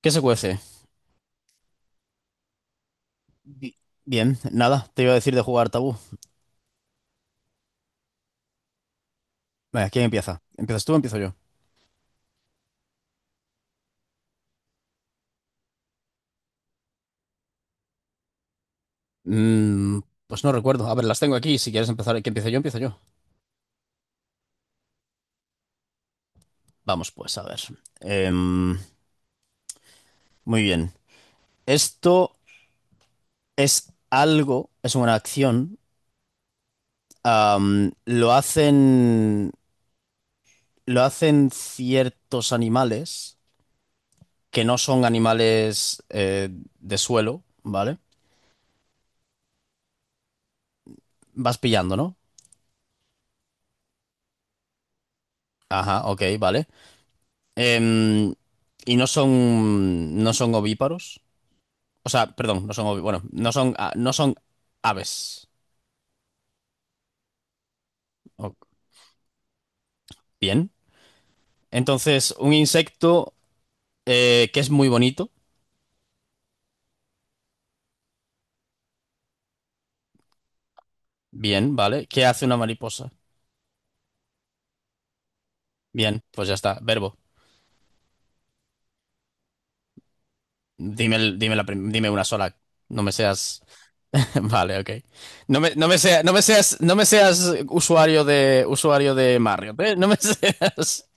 ¿Qué se cuece? Bi- Bien, nada, te iba a decir de jugar tabú. Venga, ¿quién empieza? ¿Empiezas tú o empiezo yo? Mm, pues no recuerdo. A ver, las tengo aquí. Si quieres empezar, que empiece yo, empiezo yo. Vamos, pues, a ver. Em, muy bien. Esto es algo, es una acción. am, lo hacen, lo hacen ciertos animales que no son animales de suelo, ¿vale? Vas pillando, ¿no? Ajá, ok, vale. Em, y no son ovíparos. O sea, perdón, bueno, no son aves. O- Bien. Entonces, un insecto que es muy bonito. Bien, ¿vale? ¿Qué hace una mariposa? Bien, pues ya está. Verbo. Dime una sola. No me seas. Vale, ok. No me seas, usuario de Marriott, ¿eh? No me seas.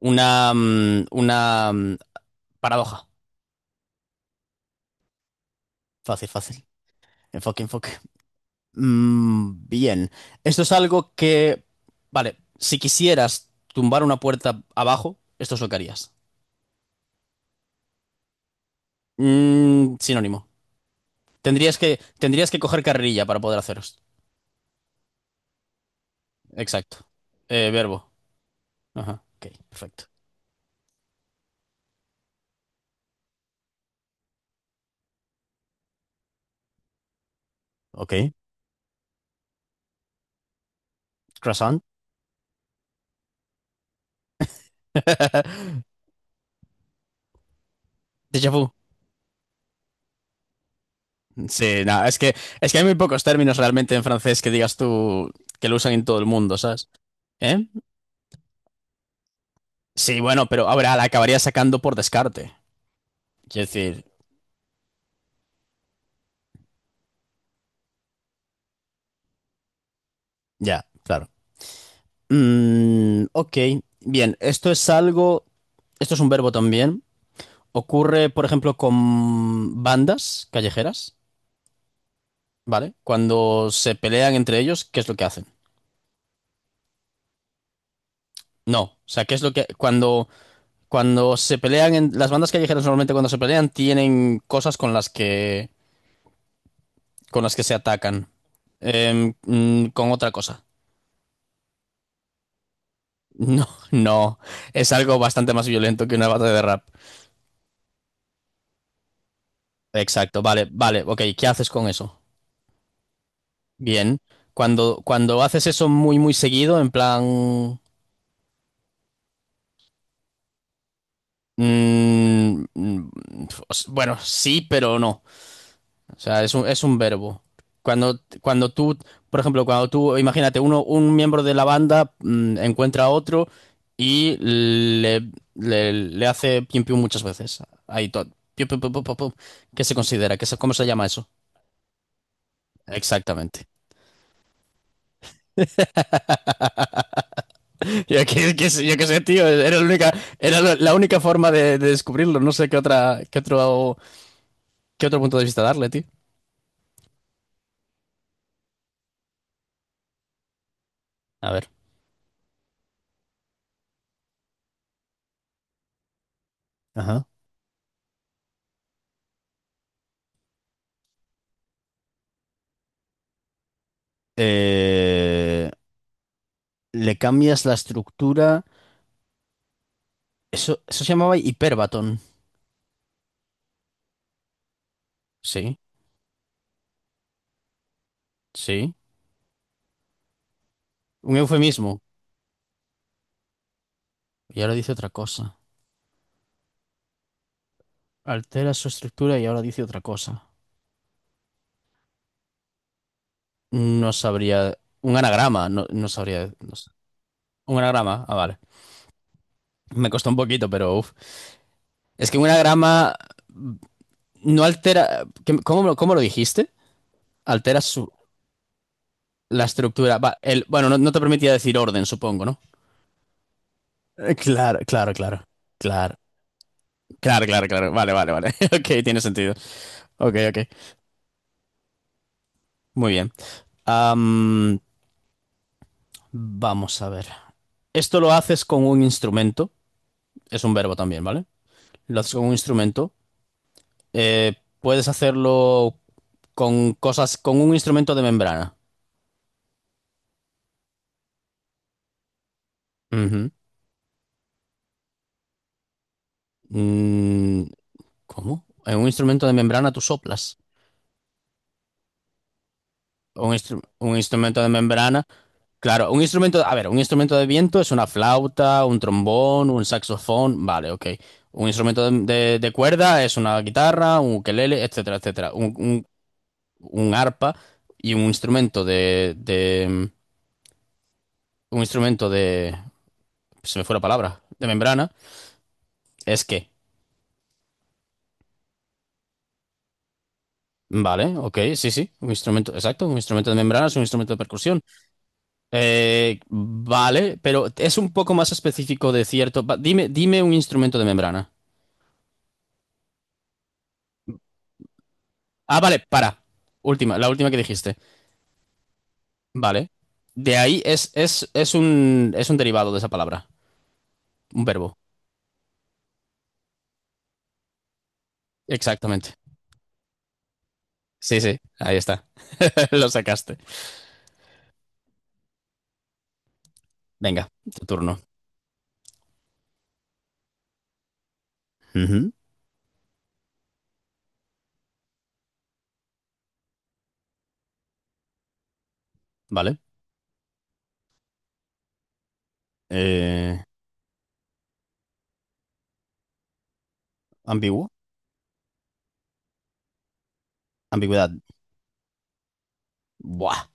Una paradoja. Fácil, fácil. Enfoque, enfoque. Bien. Esto es algo… que... Vale, si quisieras tumbar una puerta abajo, esto es lo que harías. Sinónimo. Tendrías que coger carrerilla para poder hacer esto. Exacto. Verbo. Ajá. Ok, perfecto. Ok. Croissant. Déjà vu. Sí, nada, es que hay muy pocos términos realmente en francés que digas tú que lo usan en todo el mundo, ¿sabes? ¿Eh? Sí, bueno, pero ahora la acabarías sacando por descarte. Quiero decir, ya, claro. Ok, bien, esto es algo, esto es un verbo también. Ocurre, por ejemplo, con bandas callejeras, ¿vale? Cuando se pelean entre ellos, ¿qué es lo que hacen? No, o sea, ¿qué es lo que cuando se pelean en las bandas callejeras normalmente cuando se pelean tienen cosas con las que se atacan. Con otra cosa. No, no, es algo bastante más violento que una batalla de rap. Exacto, vale, vale, ok, ¿qué haces con eso? Bien. Cuando haces eso muy, muy seguido, en plan… mm, mm, bueno, sí, pero no. O sea, es un verbo. Cuando tú, por ejemplo, cuando tú, imagínate, un miembro de la banda encuentra a otro y le hace pium pium muchas veces. Ahí todo. Pium, pium, pum, pum, pum, pum. ¿Qué se considera? ¿Cómo se llama eso? Exactamente. Yo qué sé, tío, era la única, era la única forma de descubrirlo. No sé qué otra, qué otro punto de vista darle, tío. A ver. Ajá. Eh, le cambias la estructura. Eso se llamaba hiperbatón. Sí, sí. Un eufemismo. Y ahora dice otra cosa. Altera su estructura y ahora dice otra cosa. No sabría. Un anagrama, no, no sabría, no sé. Un anagrama, ah, vale. Me costó un poquito, pero uf. Es que un anagrama mm, no altera. ¿Cómo, cómo lo dijiste? Altera su, la estructura. Va, el, bueno, no, no te permitía decir orden, supongo, ¿no? Claro, claro, claro. Claro, claro, claro, claro. Vale, vale, vale. Ok, tiene sentido. Ok, ok. Muy bien. Am, vamos a ver. Esto lo haces con un instrumento. Es un verbo también, ¿vale? Lo haces con un instrumento. Puedes hacerlo con cosas, con un instrumento de membrana. Ujú. Mm, ¿cómo? En un instrumento de membrana tú soplas. Un instrumento de membrana. Claro, un instrumento, a ver, un instrumento de viento es una flauta, un trombón, un saxofón, vale, ok. Un instrumento de cuerda es una guitarra, un ukelele, etcétera, etcétera. Un arpa y un instrumento de, se me fue la palabra, de membrana, es que, vale, ok, sí, sí, un instrumento, exacto, un instrumento de membrana es un instrumento de percusión. Vale, pero es un poco más específico de cierto. Dime, dime un instrumento de membrana. Ah, vale, para. Última, la última que dijiste. Vale. De ahí es un derivado de esa palabra. Un verbo. Exactamente. Sí, sí, ahí está. Lo sacaste. Venga, tu turno. Ujú. Vale. Eh, ambiguo. Ambigüedad. Buah.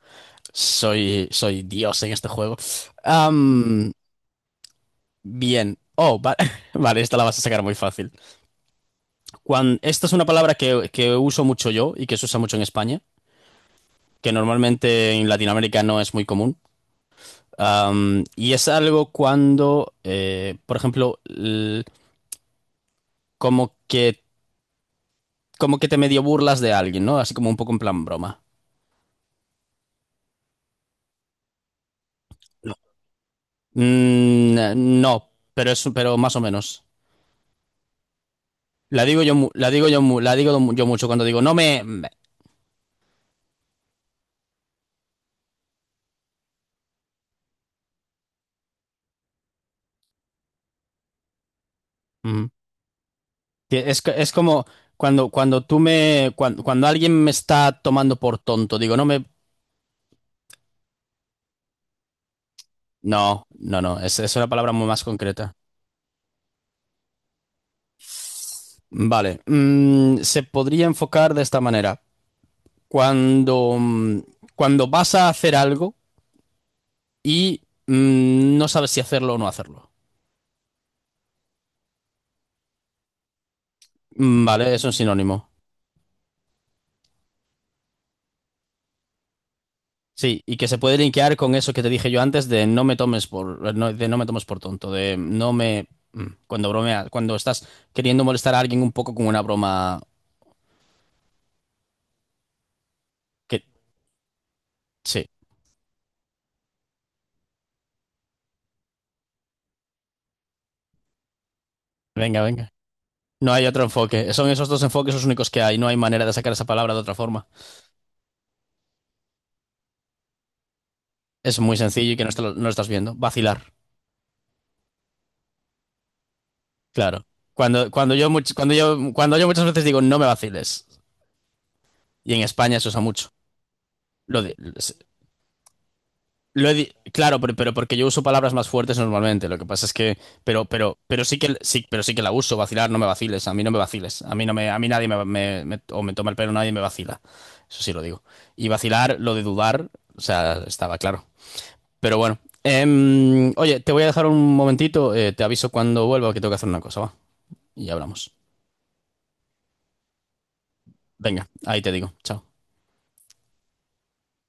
Soy Dios en este juego. Am, bien. Oh, vale, esta la vas a sacar muy fácil. Esta es una palabra que uso mucho yo y que se usa mucho en España, que normalmente en Latinoamérica no es muy común. Y es algo cuando, por ejemplo, como que, como que te medio burlas de alguien, ¿no? Así como un poco en plan broma. No. Mm, no, pero es, pero más o menos. Yo mucho cuando digo, no me… me". Ujú. Que es como cuando, cuando tú me, cuando, cuando alguien me está tomando por tonto, digo, no me… No, no, no, es una palabra muy más concreta. Vale, se podría enfocar de esta manera. Cuando, cuando vas a hacer algo y no sabes si hacerlo o no hacerlo. Mm, vale, es un sinónimo. Sí, y que se puede linkear con eso que te dije yo antes de no me tomes por, no, de no me tomes por tonto, de no me… Cuando bromeas, cuando estás queriendo molestar a alguien un poco con una broma que… Sí, venga, venga. No hay otro enfoque. Son esos dos enfoques los únicos que hay. No hay manera de sacar esa palabra de otra forma. Es muy sencillo y que no, no lo estás viendo. Vacilar, claro. Cuando yo muchas veces digo no me vaciles, y en España se usa mucho. Lo de- lo he claro, pero porque yo uso palabras más fuertes normalmente. Lo que pasa es que, pero sí que, sí, pero sí que la uso. Vacilar, no me vaciles. A mí no me vaciles. A mí no me, a mí nadie me, o me toma el pelo, nadie me vacila. Eso sí lo digo. Y vacilar, lo de dudar, o sea, estaba claro. Pero bueno. Em, oye, te voy a dejar un momentito. Eh, te aviso cuando vuelva que tengo que hacer una cosa, va. Y hablamos. Venga, ahí te digo. Chao.